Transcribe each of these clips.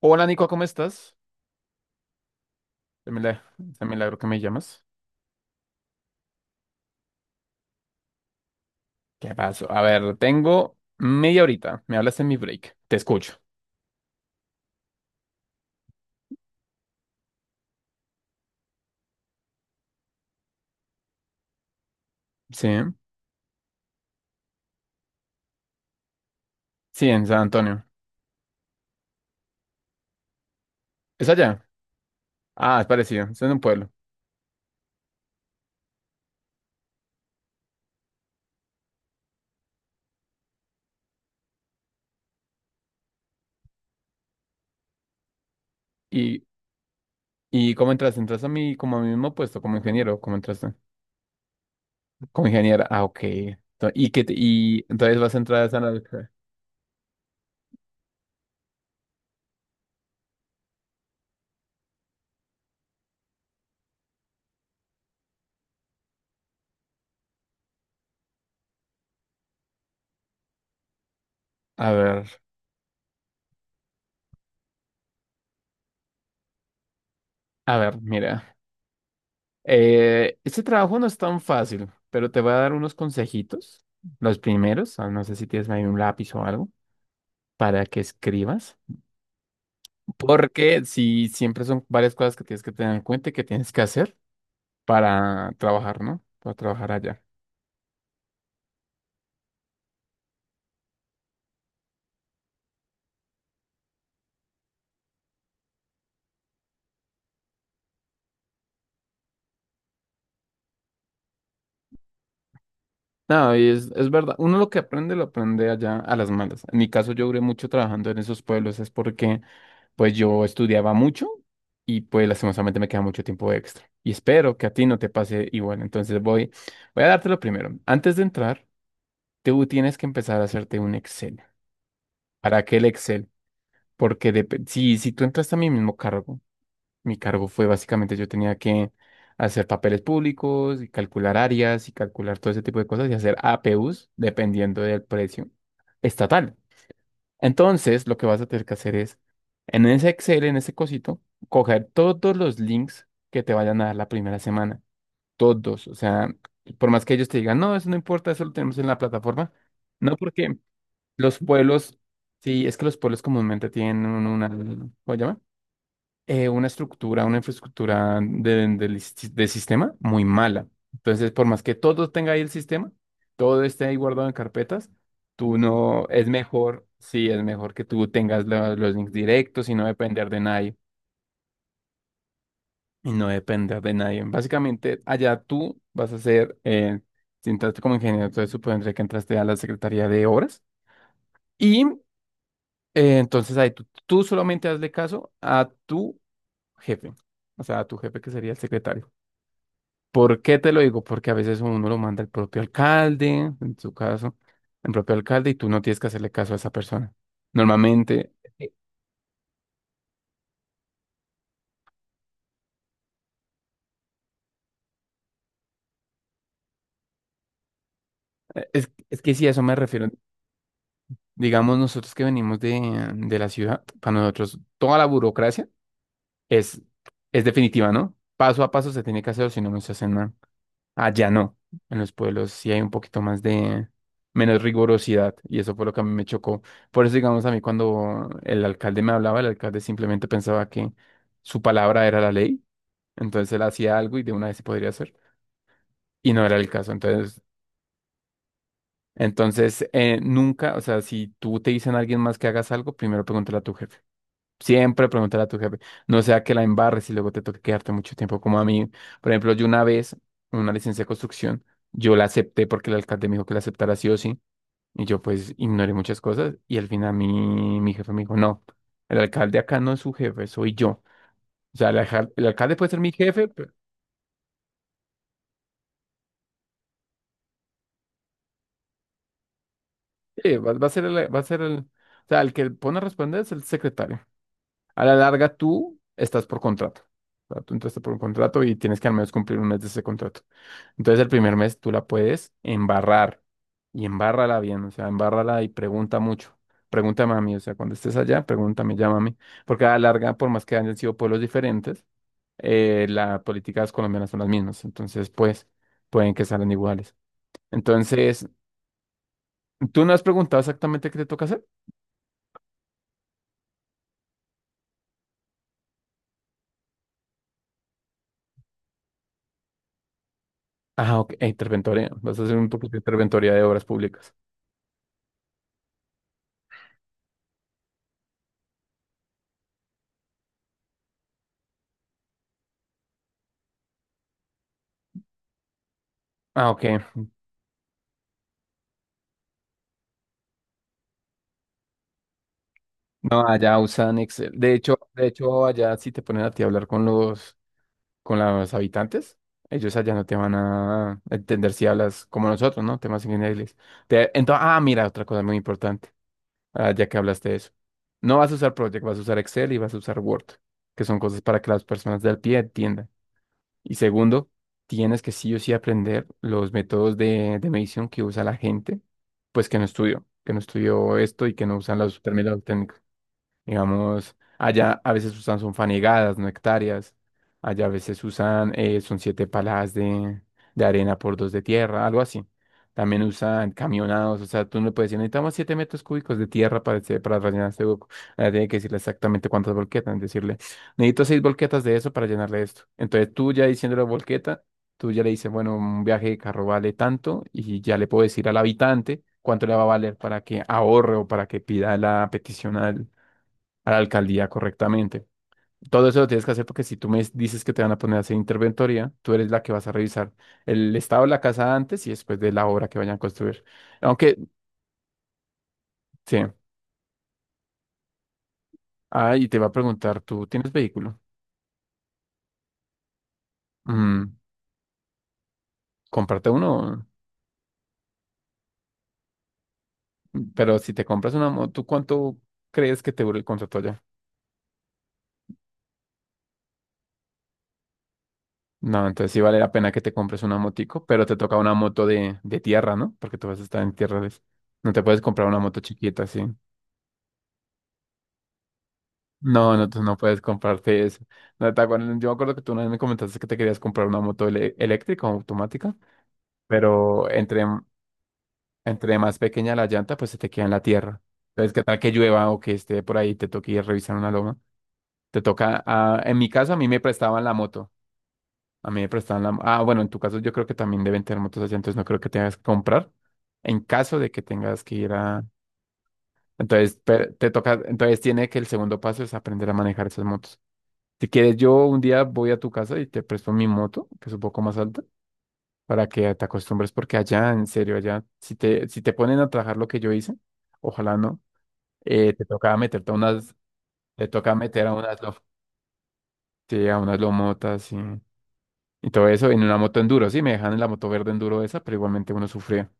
Hola Nico, ¿cómo estás? De milagro que me llamas. ¿Qué pasó? A ver, tengo media horita. Me hablas en mi break. Te escucho. Sí, sí, en San Antonio. ¿Es allá? Ah, es parecido. Es en un pueblo. ¿Y, y cómo entraste? ¿Entraste a mi, como a mi mismo puesto, como ingeniero? ¿Cómo entraste? Como ingeniera. Ah, ok. Ento- ¿Y qué te- y entonces vas a entrar a San Antonio? A ver, a ver, mira. Este trabajo no es tan fácil, pero te voy a dar unos consejitos. Los primeros. Ah, no sé si tienes ahí un lápiz o algo, para que escribas, porque si siempre son varias cosas que tienes que tener en cuenta y que tienes que hacer para trabajar, ¿no? Para trabajar allá. No, y es verdad, uno lo que aprende lo aprende allá a las malas. En mi caso yo duré mucho trabajando en esos pueblos, es porque pues yo estudiaba mucho y pues lastimosamente me queda mucho tiempo extra. Y espero que a ti no te pase igual. Entonces voy, voy a dártelo primero. Antes de entrar, tú tienes que empezar a hacerte un Excel. ¿Para qué el Excel? Porque depe- si, si tú entras a mi mismo cargo. Mi cargo fue básicamente yo tenía que hacer papeles públicos y calcular áreas y calcular todo ese tipo de cosas y hacer APUs dependiendo del precio estatal. Entonces, lo que vas a tener que hacer es, en ese Excel, en ese cosito, coger todos los links que te vayan a dar la primera semana. Todos. O sea, por más que ellos te digan, no, eso no importa, eso lo tenemos en la plataforma. No, porque los pueblos, sí, es que los pueblos comúnmente tienen un- una, ¿cómo se llama? Una estructura, una infraestructura de sistema muy mala. Entonces, por más que todo tenga ahí el sistema, todo esté ahí guardado en carpetas, tú no, es mejor, sí, es mejor que tú tengas la- los links directos y no depender de nadie, y no depender de nadie. Básicamente, allá tú vas a ser, si entraste como ingeniero, entonces supondré que entraste a la Secretaría de Obras, y entonces ahí tú solamente hazle caso a tu jefe, o sea, a tu jefe que sería el secretario. ¿Por qué te lo digo? Porque a veces uno lo manda el propio alcalde, en su caso, el propio alcalde, y tú no tienes que hacerle caso a esa persona. Normalmente, eh, es que sí, a eso me refiero. Digamos, nosotros que venimos de la ciudad, para nosotros toda la burocracia es, es definitiva, ¿no? Paso a paso se tiene que hacer, o si no, no se hace nada. Allá no. En los pueblos sí hay un poquito más de menos rigorosidad y eso fue lo que a mí me chocó. Por eso, digamos, a mí cuando el alcalde me hablaba, el alcalde simplemente pensaba que su palabra era la ley, entonces él hacía algo y de una vez se podría hacer y no era el caso. Entonces, entonces nunca, o sea, si tú te dicen a alguien más que hagas algo, primero pregúntale a tu jefe. Siempre preguntar a tu jefe. No sea que la embarres y luego te toque quedarte mucho tiempo como a mí. Por ejemplo, yo una vez, una licencia de construcción, yo la acepté porque el alcalde me dijo que la aceptara sí o sí. Y yo pues ignoré muchas cosas y al final mi jefe me dijo, no, el alcalde acá no es su jefe, soy yo. O sea, el, alcal- el alcalde puede ser mi jefe, pero sí, va, va a ser el, va a ser el, o sea, el que pone a responder es el secretario. A la larga tú estás por contrato. O sea, tú entraste por un contrato y tienes que al menos cumplir un mes de ese contrato. Entonces el primer mes tú la puedes embarrar y embárrala bien, o sea, embárrala y pregunta mucho. Pregunta mami, o sea, cuando estés allá, pregúntame, llámame, porque a la larga, por más que hayan sido pueblos diferentes, las políticas colombianas son las mismas, entonces pues pueden que salgan iguales. Entonces, ¿tú no has preguntado exactamente qué te toca hacer? Ah, ok, interventoría, vas a hacer un poquito de interventoría de obras públicas. Ah, ok. No, allá usan Excel. De hecho, allá sí te ponen a ti a hablar con los habitantes, ellos allá no te van a entender si hablas como nosotros, ¿no? Temas en inglés. Entonces, ah, mira, otra cosa muy importante, ah, ya que hablaste de eso. No vas a usar Project, vas a usar Excel y vas a usar Word, que son cosas para que las personas del pie entiendan. Y segundo, tienes que sí o sí aprender los métodos de medición que usa la gente, pues que no estudió esto y que no usan los términos técnicos. Digamos, allá a veces usan son fanegadas, no hectáreas. Allá a veces usan, son siete palas de arena por dos de tierra, algo así. También usan camionados, o sea, tú no le puedes decir, necesitamos siete metros cúbicos de tierra para, este- para rellenar este hueco. Ahora tiene que decirle exactamente cuántas volquetas, decirle, necesito seis volquetas de eso para llenarle esto. Entonces tú ya diciendo la volqueta, tú ya le dices, bueno, un viaje de carro vale tanto y ya le puedo decir al habitante cuánto le va a valer para que ahorre o para que pida la petición al, a la alcaldía correctamente. Todo eso lo tienes que hacer porque si tú me dices que te van a poner a hacer interventoría, tú eres la que vas a revisar el estado de la casa antes y después de la obra que vayan a construir. Aunque, sí, ah, y te va a preguntar, ¿tú tienes vehículo? Mm, cómprate uno, pero si te compras una moto, tú ¿cuánto crees que te dure el contrato ya? No, entonces sí vale la pena que te compres una motico, pero te toca una moto de tierra, ¿no? Porque tú vas a estar en tierra. De- no te puedes comprar una moto chiquita, sí. No, no, tú no puedes comprarte eso. No, te acuerdas- yo me acuerdo que tú una vez me comentaste que te querías comprar una moto ele- eléctrica o automática, pero entre, entre más pequeña la llanta, pues se te queda en la tierra. Entonces, ¿qué tal que llueva o que esté por ahí, te toque ir a revisar una loma? Te toca, ah, en mi caso, a mí me prestaban la moto. A mí me prestaban la... Ah, bueno, en tu caso yo creo que también deben tener motos así, entonces no creo que tengas que comprar en caso de que tengas que ir a... Entonces, pe- te toca, entonces tiene que el segundo paso es aprender a manejar esas motos. Si quieres, yo un día voy a tu casa y te presto mi moto, que es un poco más alta, para que te acostumbres, porque allá, en serio, allá, si te, si te ponen a trabajar lo que yo hice, ojalá no, te toca meterte a unas, te toca meter a unas, lof- sí, a unas lomotas y todo eso, en una moto enduro, sí, me dejan en la moto verde enduro esa, pero igualmente uno sufría.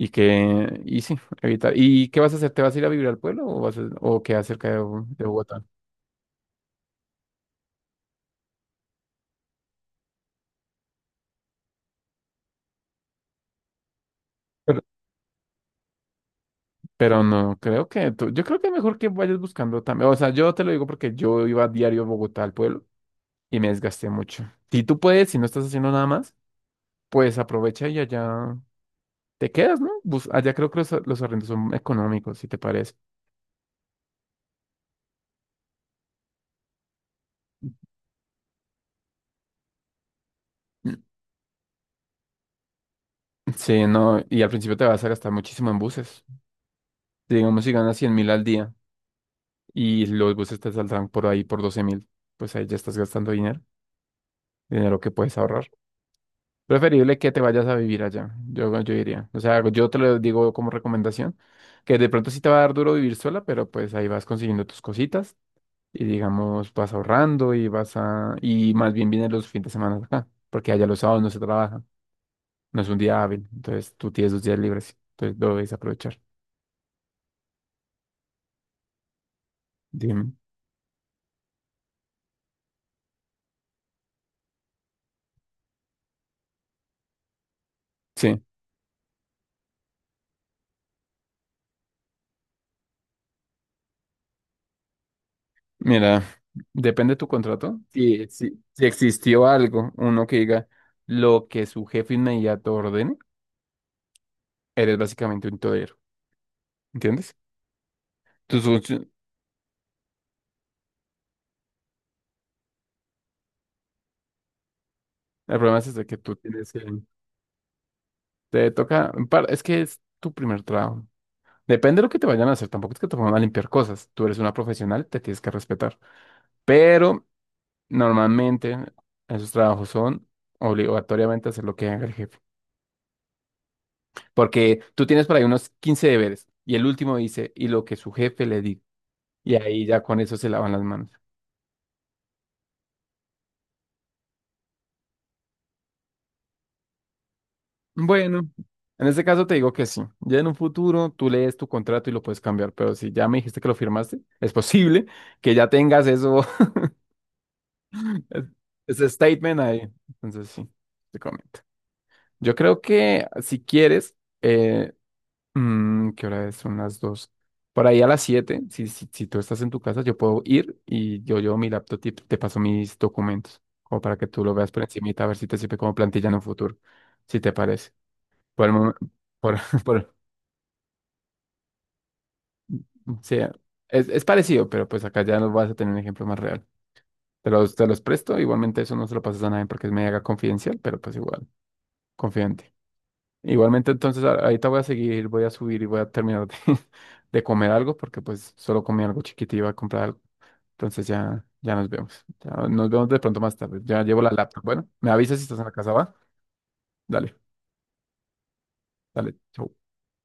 Y que, y sí, evitar. ¿Y qué vas a hacer? ¿Te vas a ir a vivir al pueblo o vas a- o quedas cerca de, Bo- de Bogotá? Pero no, creo que tú- yo creo que mejor que vayas buscando también. O sea, yo te lo digo porque yo iba a diario a Bogotá al pueblo y me desgasté mucho. Si tú puedes, si no estás haciendo nada más, pues aprovecha y allá te quedas, ¿no? Bus- allá creo que los arrendos son económicos, si te parece. Mm, sí, no, y al principio te vas a gastar muchísimo en buses. Digamos, si ganas 100.000 al día y los buses te saldrán por ahí por 12.000, pues ahí ya estás gastando dinero, dinero que puedes ahorrar. Preferible que te vayas a vivir allá, yo diría. O sea, yo te lo digo como recomendación, que de pronto sí te va a dar duro vivir sola, pero pues ahí vas consiguiendo tus cositas y digamos vas ahorrando y vas a... y más bien vienen los fines de semana acá, porque allá los sábados no se trabaja, no es un día hábil, entonces tú tienes dos días libres, entonces lo debes aprovechar. Dime. Sí, mira, depende de tu contrato. Si, si, si existió algo, uno que diga lo que su jefe inmediato ordene, eres básicamente un todero, ¿entiendes? Tus funcio- el problema es ese que tú tienes que... Te toca... en par- es que es tu primer trabajo. Depende de lo que te vayan a hacer. Tampoco es que te pongan a limpiar cosas. Tú eres una profesional, te tienes que respetar. Pero normalmente esos trabajos son obligatoriamente hacer lo que haga el jefe. Porque tú tienes por ahí unos 15 deberes y el último dice, y lo que su jefe le diga. Y ahí ya con eso se lavan las manos. Bueno, en este caso te digo que sí. Ya en un futuro tú lees tu contrato y lo puedes cambiar, pero si ya me dijiste que lo firmaste, es posible que ya tengas eso, ese statement ahí. Entonces sí, te comento. Yo creo que si quieres, eh, ¿qué hora es? Son las dos. Por ahí a las siete, si, si, si tú estás en tu casa, yo puedo ir y yo llevo mi laptop y te paso mis documentos, como para que tú lo veas por encimita, a ver si te sirve como plantilla en un futuro, si te parece. Por el momen- por, por, sí, es parecido, pero pues acá ya no vas a tener un ejemplo más real. Te los presto, igualmente eso no se lo pasas a nadie porque es mega confidencial, pero pues igual, confidente. Igualmente entonces a- ahorita voy a seguir, voy a subir y voy a terminar de, de comer algo porque pues solo comí algo chiquito y iba a comprar algo. Entonces ya, ya nos vemos. Ya nos vemos de pronto más tarde. Ya llevo la laptop. Bueno, me avisas si estás en la casa, ¿va? Dale, dale, chau.